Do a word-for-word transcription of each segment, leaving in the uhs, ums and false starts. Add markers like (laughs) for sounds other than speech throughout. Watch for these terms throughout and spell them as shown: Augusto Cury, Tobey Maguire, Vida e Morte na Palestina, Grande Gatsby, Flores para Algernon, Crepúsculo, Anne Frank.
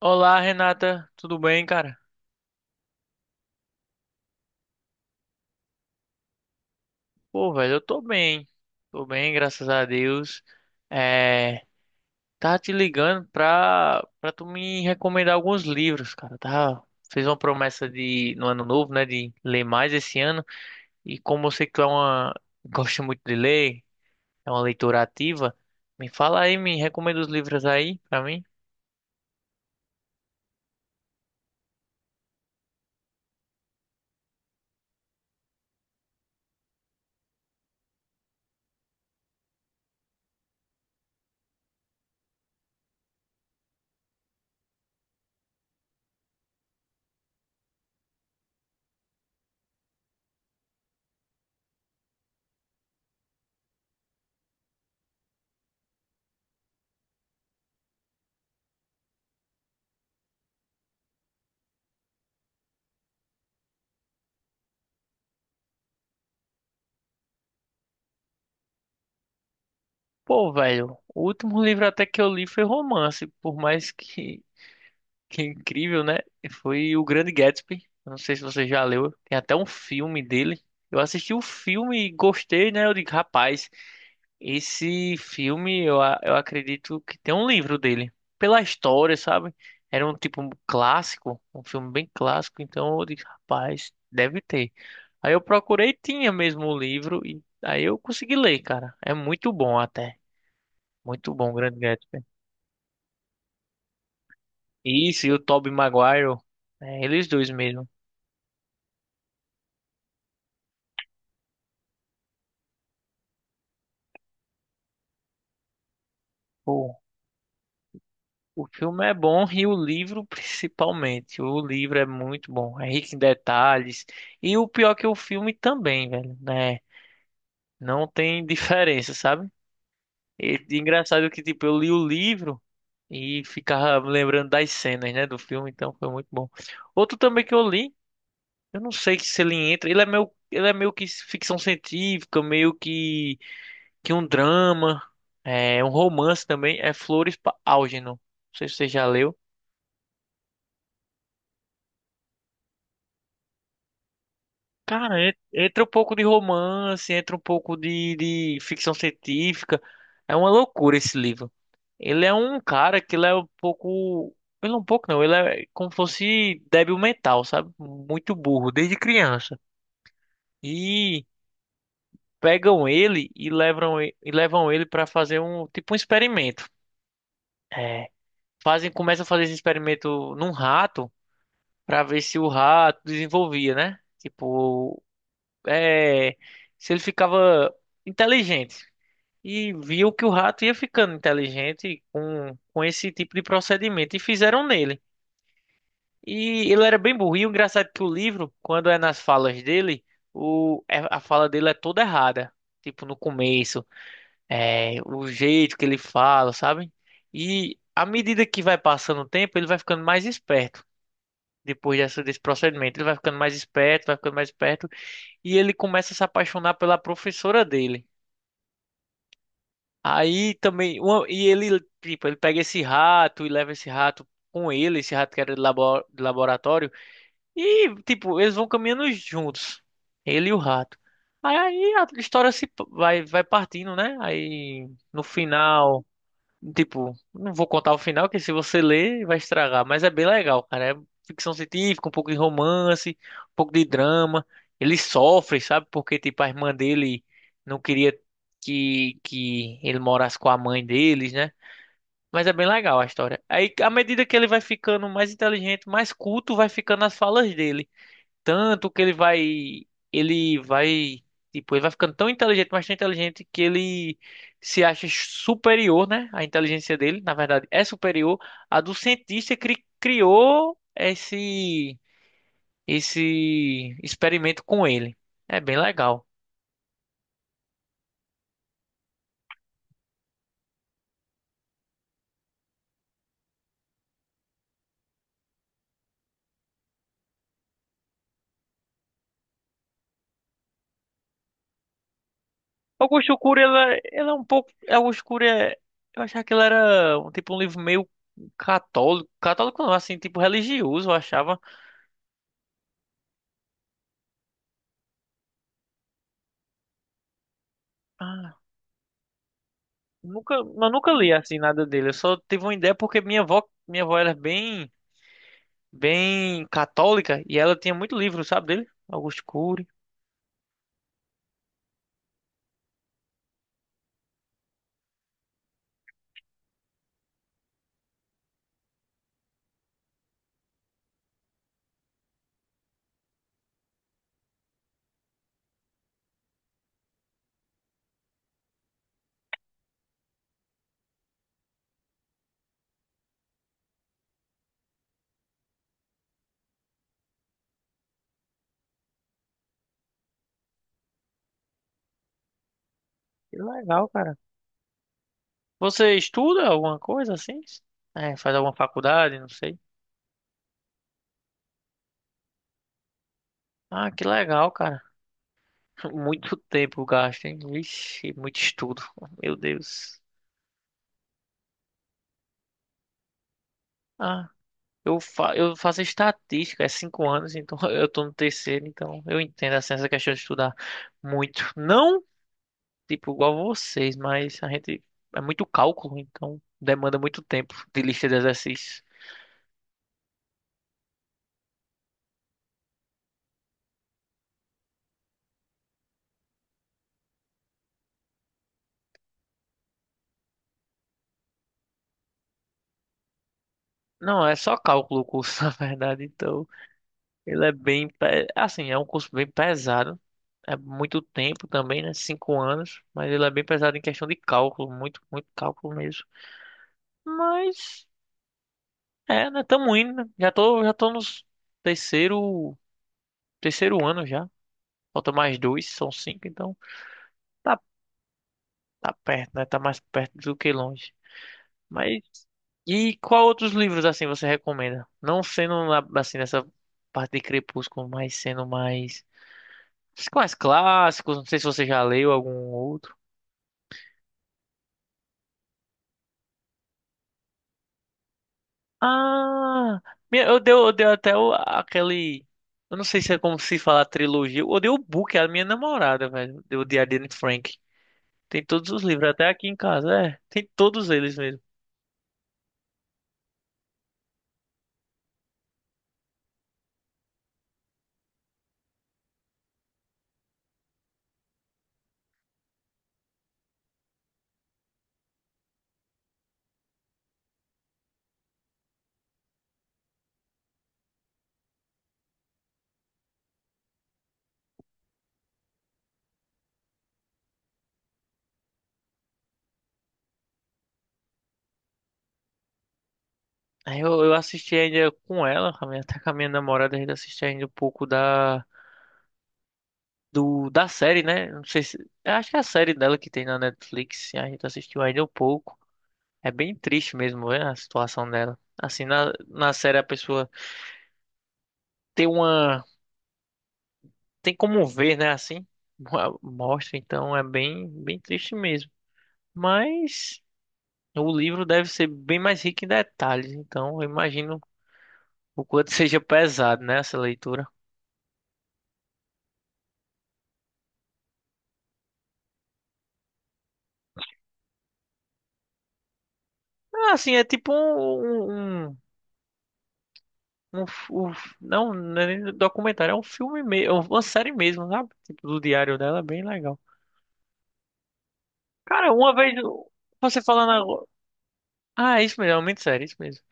Olá, Renata, tudo bem, cara? Pô, velho, eu tô bem. Tô bem, graças a Deus. É, tá te ligando pra, pra tu me recomendar alguns livros, cara, tá? Fez uma promessa de no ano novo, né, de ler mais esse ano. E como eu sei que tu é uma gosta muito de ler, é uma leitora ativa, me fala aí, me recomenda os livros aí pra mim. Pô, velho, o último livro até que eu li foi romance, por mais que que é incrível, né? Foi o Grande Gatsby. Eu não sei se você já leu. Tem até um filme dele. Eu assisti o filme e gostei, né? Eu digo, rapaz, esse filme eu, a- eu acredito que tem um livro dele. Pela história, sabe? Era um tipo um clássico, um filme bem clássico. Então eu disse, rapaz, deve ter. Aí eu procurei, tinha mesmo o livro. E aí eu consegui ler, cara. É muito bom até. Muito bom, o Grande Gatsby. Isso, e o Tobey Maguire. É, eles dois mesmo. Pô, O filme é bom e o livro principalmente. O livro é muito bom, é rico em detalhes. E o pior que o filme também, velho, né? Não tem (laughs) diferença, sabe? E engraçado que, tipo, eu li o livro e ficava lembrando das cenas, né, do filme, então foi muito bom. Outro também que eu li, eu não sei se ele entra, ele é meio, ele é meio que ficção científica, meio que, que um drama, é um romance também, é Flores para Algernon. Não sei se você já leu. Cara, en- entra um pouco de romance, entra um pouco de, de ficção científica. É uma loucura esse livro. Ele é um cara que ele é um pouco. Ele é um pouco não, ele é como se fosse débil mental, sabe? Muito burro, desde criança. E pegam ele e levam, e- e levam ele para fazer um tipo um experimento. É, fazem, começam a fazer esse experimento num rato para ver se o rato desenvolvia, né? Tipo, é, se ele ficava inteligente. E viu que o rato ia ficando inteligente com, com esse tipo de procedimento e fizeram nele. E ele era bem burro. E o engraçado é que o livro, quando é nas falas dele, o, é- a fala dele é toda errada. Tipo, no começo, é, o jeito que ele fala, sabe? E à medida que vai passando o tempo, ele vai ficando mais esperto. Depois dessa, desse procedimento, ele vai ficando mais esperto, vai ficando mais esperto. E ele começa a se apaixonar pela professora dele. Aí também, uma- e ele, tipo, ele pega esse rato e leva esse rato com ele, esse rato que era de labo- de laboratório, e, tipo, eles vão caminhando juntos, ele e o rato. Aí, aí a história se p- vai, vai partindo, né? Aí, no final. Tipo, não vou contar o final, que se você ler vai estragar, mas é bem legal, cara. É ficção científica, um pouco de romance, um pouco de drama. Ele sofre, sabe? Porque, tipo, a irmã dele não queria que, que ele morasse com a mãe deles, né? Mas é bem legal a história. Aí, à medida que ele vai ficando mais inteligente, mais culto, vai ficando as falas dele tanto que ele vai, ele vai, tipo, ele vai ficando tão inteligente, mas tão inteligente que ele se acha superior, né? A inteligência dele, na verdade, é superior à do cientista que cri- criou esse esse experimento com ele. É bem legal. Augusto Cury, ela ela é um pouco, Augusto Cury é, eu achava que ele era um tipo um livro meio católico, católico não, assim, tipo religioso, eu achava. Ah, nunca, eu nunca li assim nada dele. Eu só tive uma ideia porque minha avó, minha avó era bem, bem católica e ela tinha muito livro, sabe dele? Augusto Cury. Que legal, cara. Você estuda alguma coisa assim? É, faz alguma faculdade, não sei. Ah, que legal, cara. (laughs) Muito tempo gasto, hein? Vixe, muito estudo. Meu Deus. Ah, eu, fa eu faço estatística, é cinco anos, então (laughs) eu tô no terceiro, então eu entendo assim, essa questão de estudar muito. Não tipo, igual vocês, mas a gente é muito cálculo, então demanda muito tempo de lista de exercícios. Não, é só cálculo o curso, (laughs) na verdade, então ele é bem, pe- assim, é um curso bem pesado. É muito tempo também, né? Cinco anos, mas ele é bem pesado em questão de cálculo, muito, muito cálculo mesmo. Mas, é, né? Tamo indo, né? Já tô, já tô nos terceiro, terceiro ano já. Falta mais dois, são cinco, então tá, tá perto, né? Tá mais perto do que longe. Mas e qual outros livros assim você recomenda? Não sendo na- assim nessa parte de Crepúsculo, mas sendo mais mais clássicos. Não sei se você já leu algum outro. Ah, minha- eu dei, eu dei até o- aquele. Eu não sei se é como se fala trilogia. Eu dei o book à minha namorada, velho. Deu o de Anne Frank. Tem todos os livros, até aqui em casa. É, tem todos eles mesmo. Aí eu, eu assisti ainda com ela, com a minha- até com a minha namorada, a gente assistiu ainda um pouco da. do da série, né? Não sei se, eu acho que é a série dela que tem na Netflix, a gente assistiu ainda um pouco. É bem triste mesmo, né, a situação dela. Assim, na, na série a pessoa tem uma tem como ver, né, assim, (laughs) mostra, então é bem bem triste mesmo. Mas o livro deve ser bem mais rico em detalhes, então eu imagino o quanto (laughs) seja pesado, né, essa leitura. Ah, assim, é tipo um, um, um Um, f- um f- não, não é nem um documentário, é um filme mesmo, uma série mesmo, sabe? Tipo, do diário dela, é bem legal. Cara, uma vez eu- você falando agora. Ah, é isso mesmo, é muito sério, isso mesmo.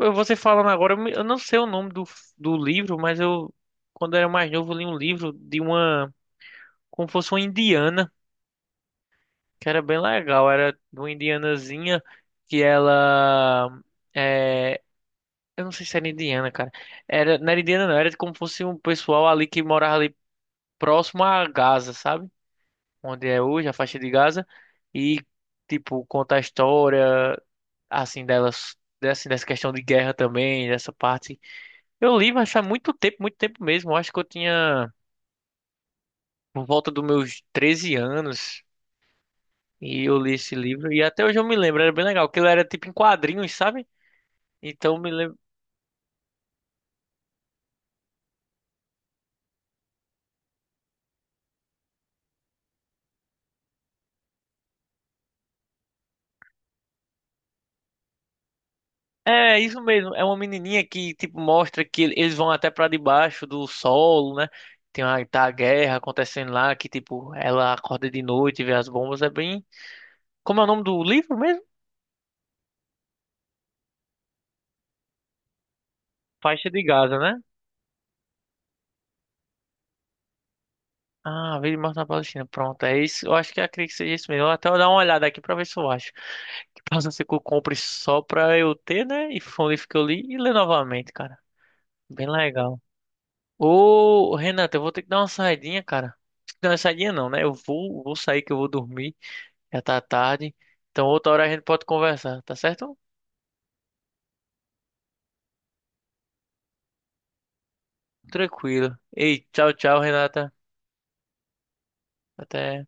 Eu- Você falando agora, eu me- eu não sei o nome do, f- do livro, mas eu, quando eu era mais novo, eu li um livro de uma, como fosse uma indiana, que era bem legal. Era de uma indianazinha que ela. É, eu não sei se era indiana, cara. Era, não era indiana, não, era como fosse um pessoal ali que morava ali. Próximo a Gaza, sabe? Onde é hoje a faixa de Gaza e tipo conta a história assim delas, assim dessa questão de guerra também, dessa parte. Eu li, mas faz muito tempo, muito tempo mesmo. Eu acho que eu tinha por volta dos meus treze anos e eu li esse livro e até hoje eu me lembro, era bem legal, porque ele era tipo em quadrinhos, sabe? Então me lembro. É, isso mesmo. É uma menininha que, tipo, mostra que ele- eles vão até pra debaixo do solo, né? Tem uma, tá a guerra acontecendo lá, que, tipo, ela acorda de noite e vê as bombas. É bem... Como é o nome do livro mesmo? Faixa de Gaza, né? Ah, Vida e Morte na Palestina. Pronto, é isso. Eu acho que acredito que seja isso mesmo. Eu até vou dar uma olhada aqui pra ver se eu acho. Que possa ser que eu compre só pra eu ter, né? E foi um livro que eu li e ler novamente, cara. Bem legal. Ô, Renata, eu vou ter que dar uma saidinha, cara. Não, saidinha não, né? Eu vou, vou sair que eu vou dormir. Já tá tarde. Então outra hora a gente pode conversar, tá certo? Tranquilo. Ei, tchau, tchau, Renata. Até.